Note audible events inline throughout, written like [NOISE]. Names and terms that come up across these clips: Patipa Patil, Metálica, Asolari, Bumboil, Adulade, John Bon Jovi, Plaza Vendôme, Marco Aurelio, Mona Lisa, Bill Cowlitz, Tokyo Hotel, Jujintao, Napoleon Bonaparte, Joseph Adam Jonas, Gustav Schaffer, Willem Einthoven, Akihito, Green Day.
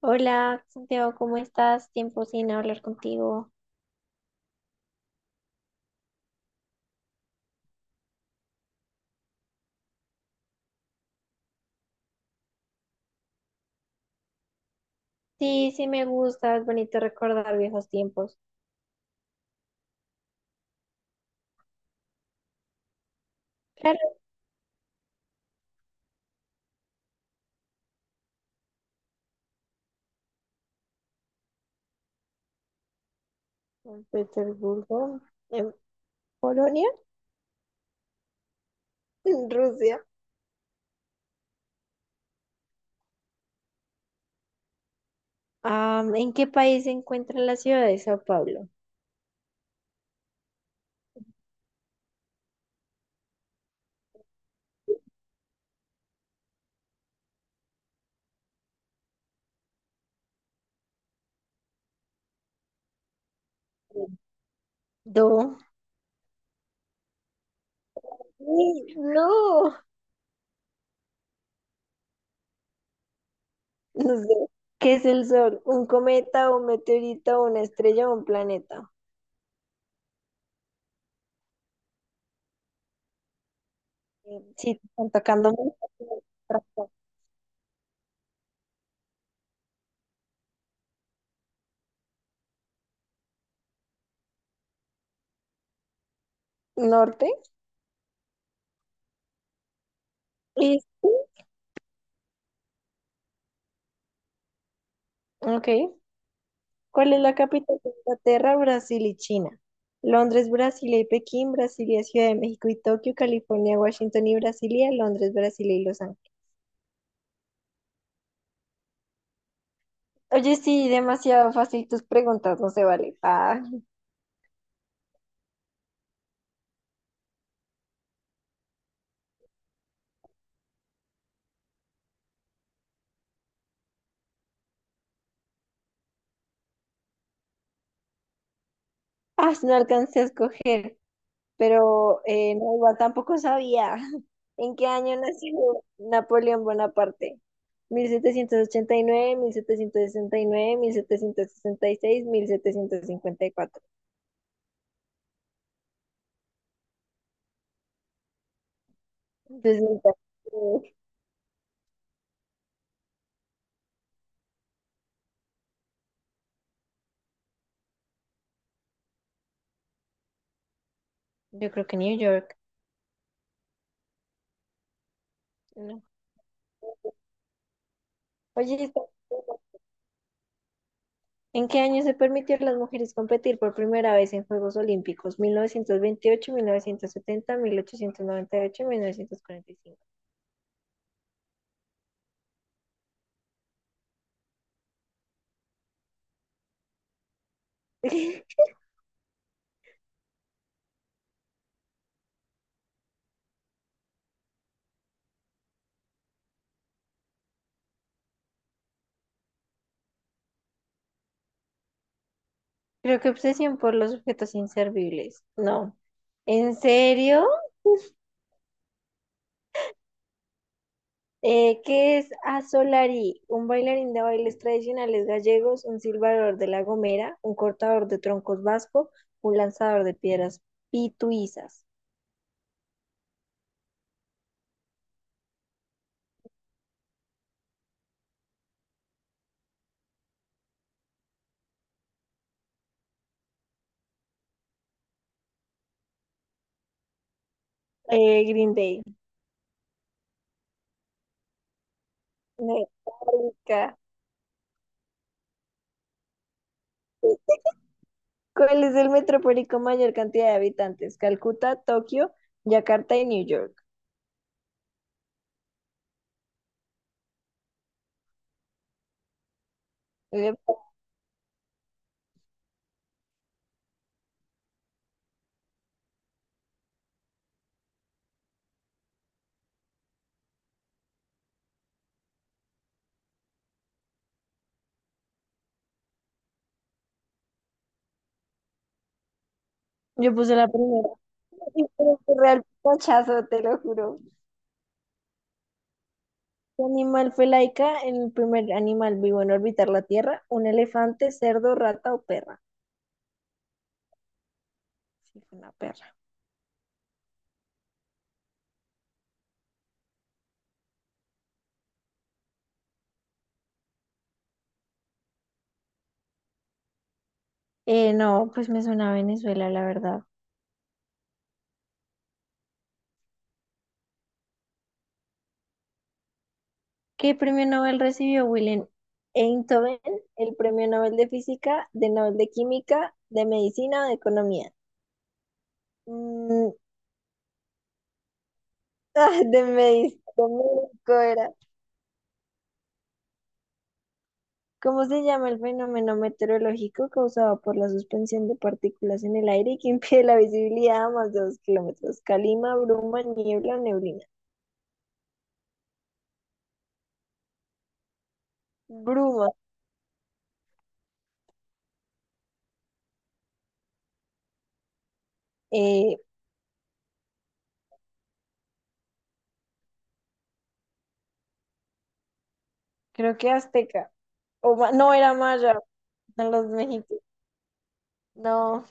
Hola, Santiago, ¿cómo estás? Tiempo sin hablar contigo. Sí, sí me gusta, es bonito recordar viejos tiempos. Claro, en Petersburgo, en Polonia, [LAUGHS] en Rusia. Ah, ¿en qué país se encuentra la ciudad de Sao Paulo? Do. Sí, no, no sé. ¿Qué es el sol? ¿Un cometa, un meteorito, una estrella o un planeta? Sí, te están tocando mucho. Norte. Este, Ok. ¿Cuál es la capital de Inglaterra, Brasil y China? Londres, Brasilia y Pekín, Brasilia, Ciudad de México y Tokio, California, Washington y Brasilia, Londres, Brasilia y Los Ángeles. Oye, sí, demasiado fácil tus preguntas, no se vale. Ah, ah, no alcancé a escoger, pero no, igual tampoco sabía. [LAUGHS] ¿En qué año nació Napoleón Bonaparte? Mil mil mil mil setecientos setecientos setecientos ochenta y nueve, nueve, sesenta sesenta y seis, mil setecientos cincuenta y cuatro. Entonces, yo creo que New York. No. Oye, está- ¿en qué año se permitió a las mujeres competir por primera vez en Juegos Olímpicos? ¿1928, 1970, 1898, 1945? [LAUGHS] Creo que obsesión por los objetos inservibles. No. ¿En serio? ¿Qué es Asolari? Un bailarín de bailes tradicionales gallegos, un silbador de La Gomera, un cortador de troncos vasco, un lanzador de piedras pituizas. Green Day. Metálica. ¿Cuál es el metrópoli con mayor cantidad de habitantes? Calcuta, Tokio, Yakarta y New York. Eh, Yo puse la primera. Y fue un Real pachazo, te lo juro. ¿Qué animal fue laica? El primer animal vivo en orbitar la Tierra. ¿Un elefante, cerdo, rata o perra? Sí, fue una perra. No, pues me suena a Venezuela, la verdad. ¿Qué premio Nobel recibió Willem Einthoven? ¿El premio Nobel de Física, de Nobel de Química, de Medicina o de Economía? Mm, [LAUGHS] ah, de México era. ¿Cómo se llama el fenómeno meteorológico causado por la suspensión de partículas en el aire y que [LAUGHS] impide la visibilidad a más de 2 kilómetros? Calima, bruma, niebla, neblina. Bruma, eh, creo que azteca. No, era maya, eran los mexicanos. No.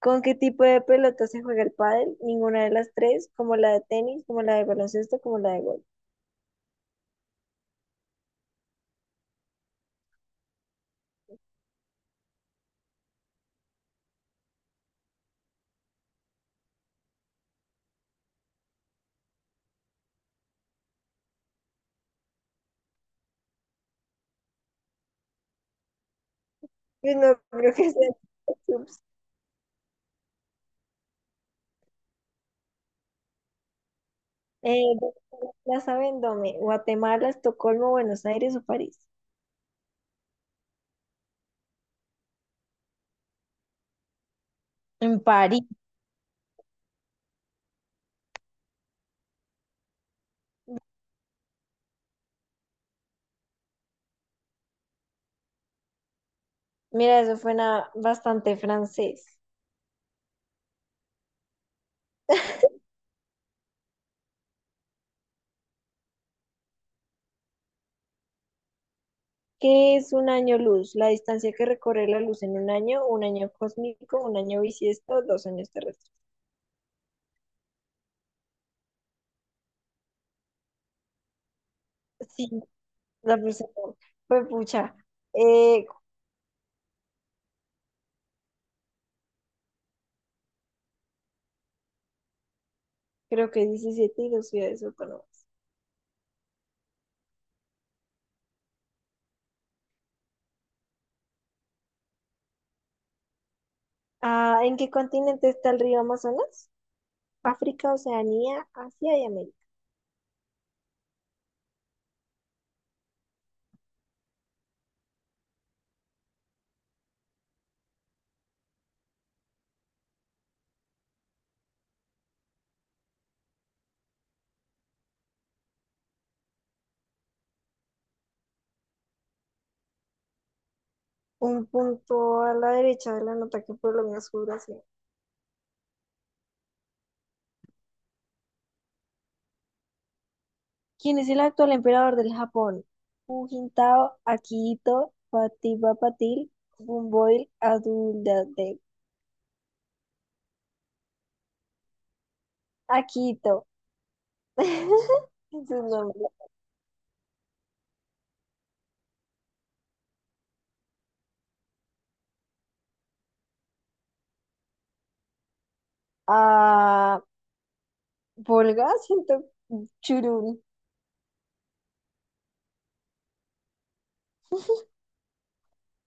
¿Con qué tipo de pelota se juega el pádel? Ninguna de las tres, como la de tenis, como la de baloncesto, como la de golf. Yo no creo que sea [LAUGHS] Eh, Plaza Vendôme, Guatemala, Estocolmo, Buenos Aires o París. En París. Mira, eso suena bastante francés. ¿Qué es un año luz? La distancia que recorre la luz en un año cósmico, un año bisiesto, 2 años terrestres. Sí, la persona fue pucha. Eh, creo que 17 y dos ciudades autónomas. Ah, ¿en qué continente está el río Amazonas? África, Oceanía, Asia y América. Un punto a la derecha de la nota que por lo menos juro. ¿Quién es el actual emperador del Japón? Jujintao, Akihito, Patipa Patil, Bumboil, Adulade. Akihito. [LAUGHS] Es su nombre. Ah, Volga, siento churún.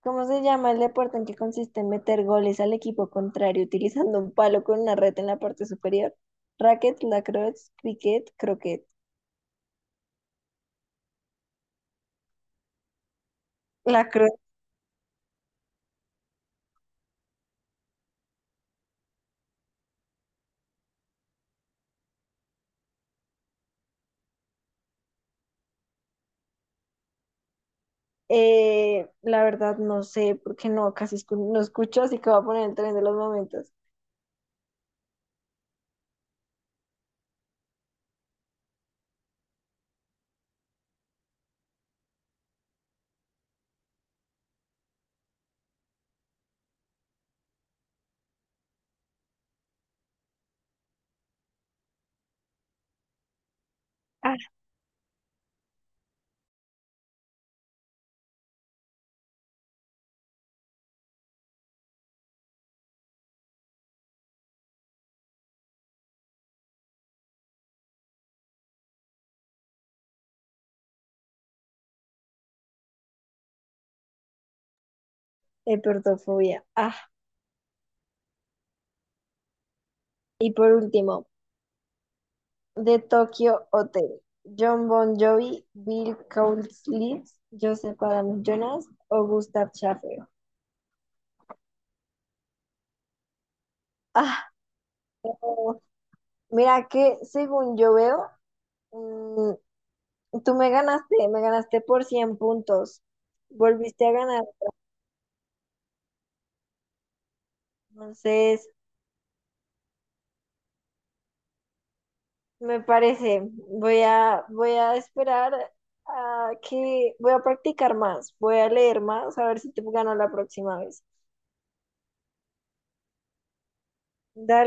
¿Cómo se llama el deporte en que consiste en meter goles al equipo contrario utilizando un palo con una red en la parte superior? Racket, lacrosse, cricket, croquet. Lacrosse. La verdad no sé, porque no, casi no escucho, así que voy a poner el tren de los momentos. Ah, hipertrofobia. Ah, y por último, de Tokyo Hotel. John Bon Jovi, Bill Cowlitz, Joseph Adam Jonas o Gustav Schaffer. Ah, oh, mira que según yo veo, mm, tú me ganaste por 100 puntos. Volviste a ganar. Entonces, me parece, voy a esperar a que voy a practicar más, voy a leer más, a ver si te gano la próxima vez. Dale.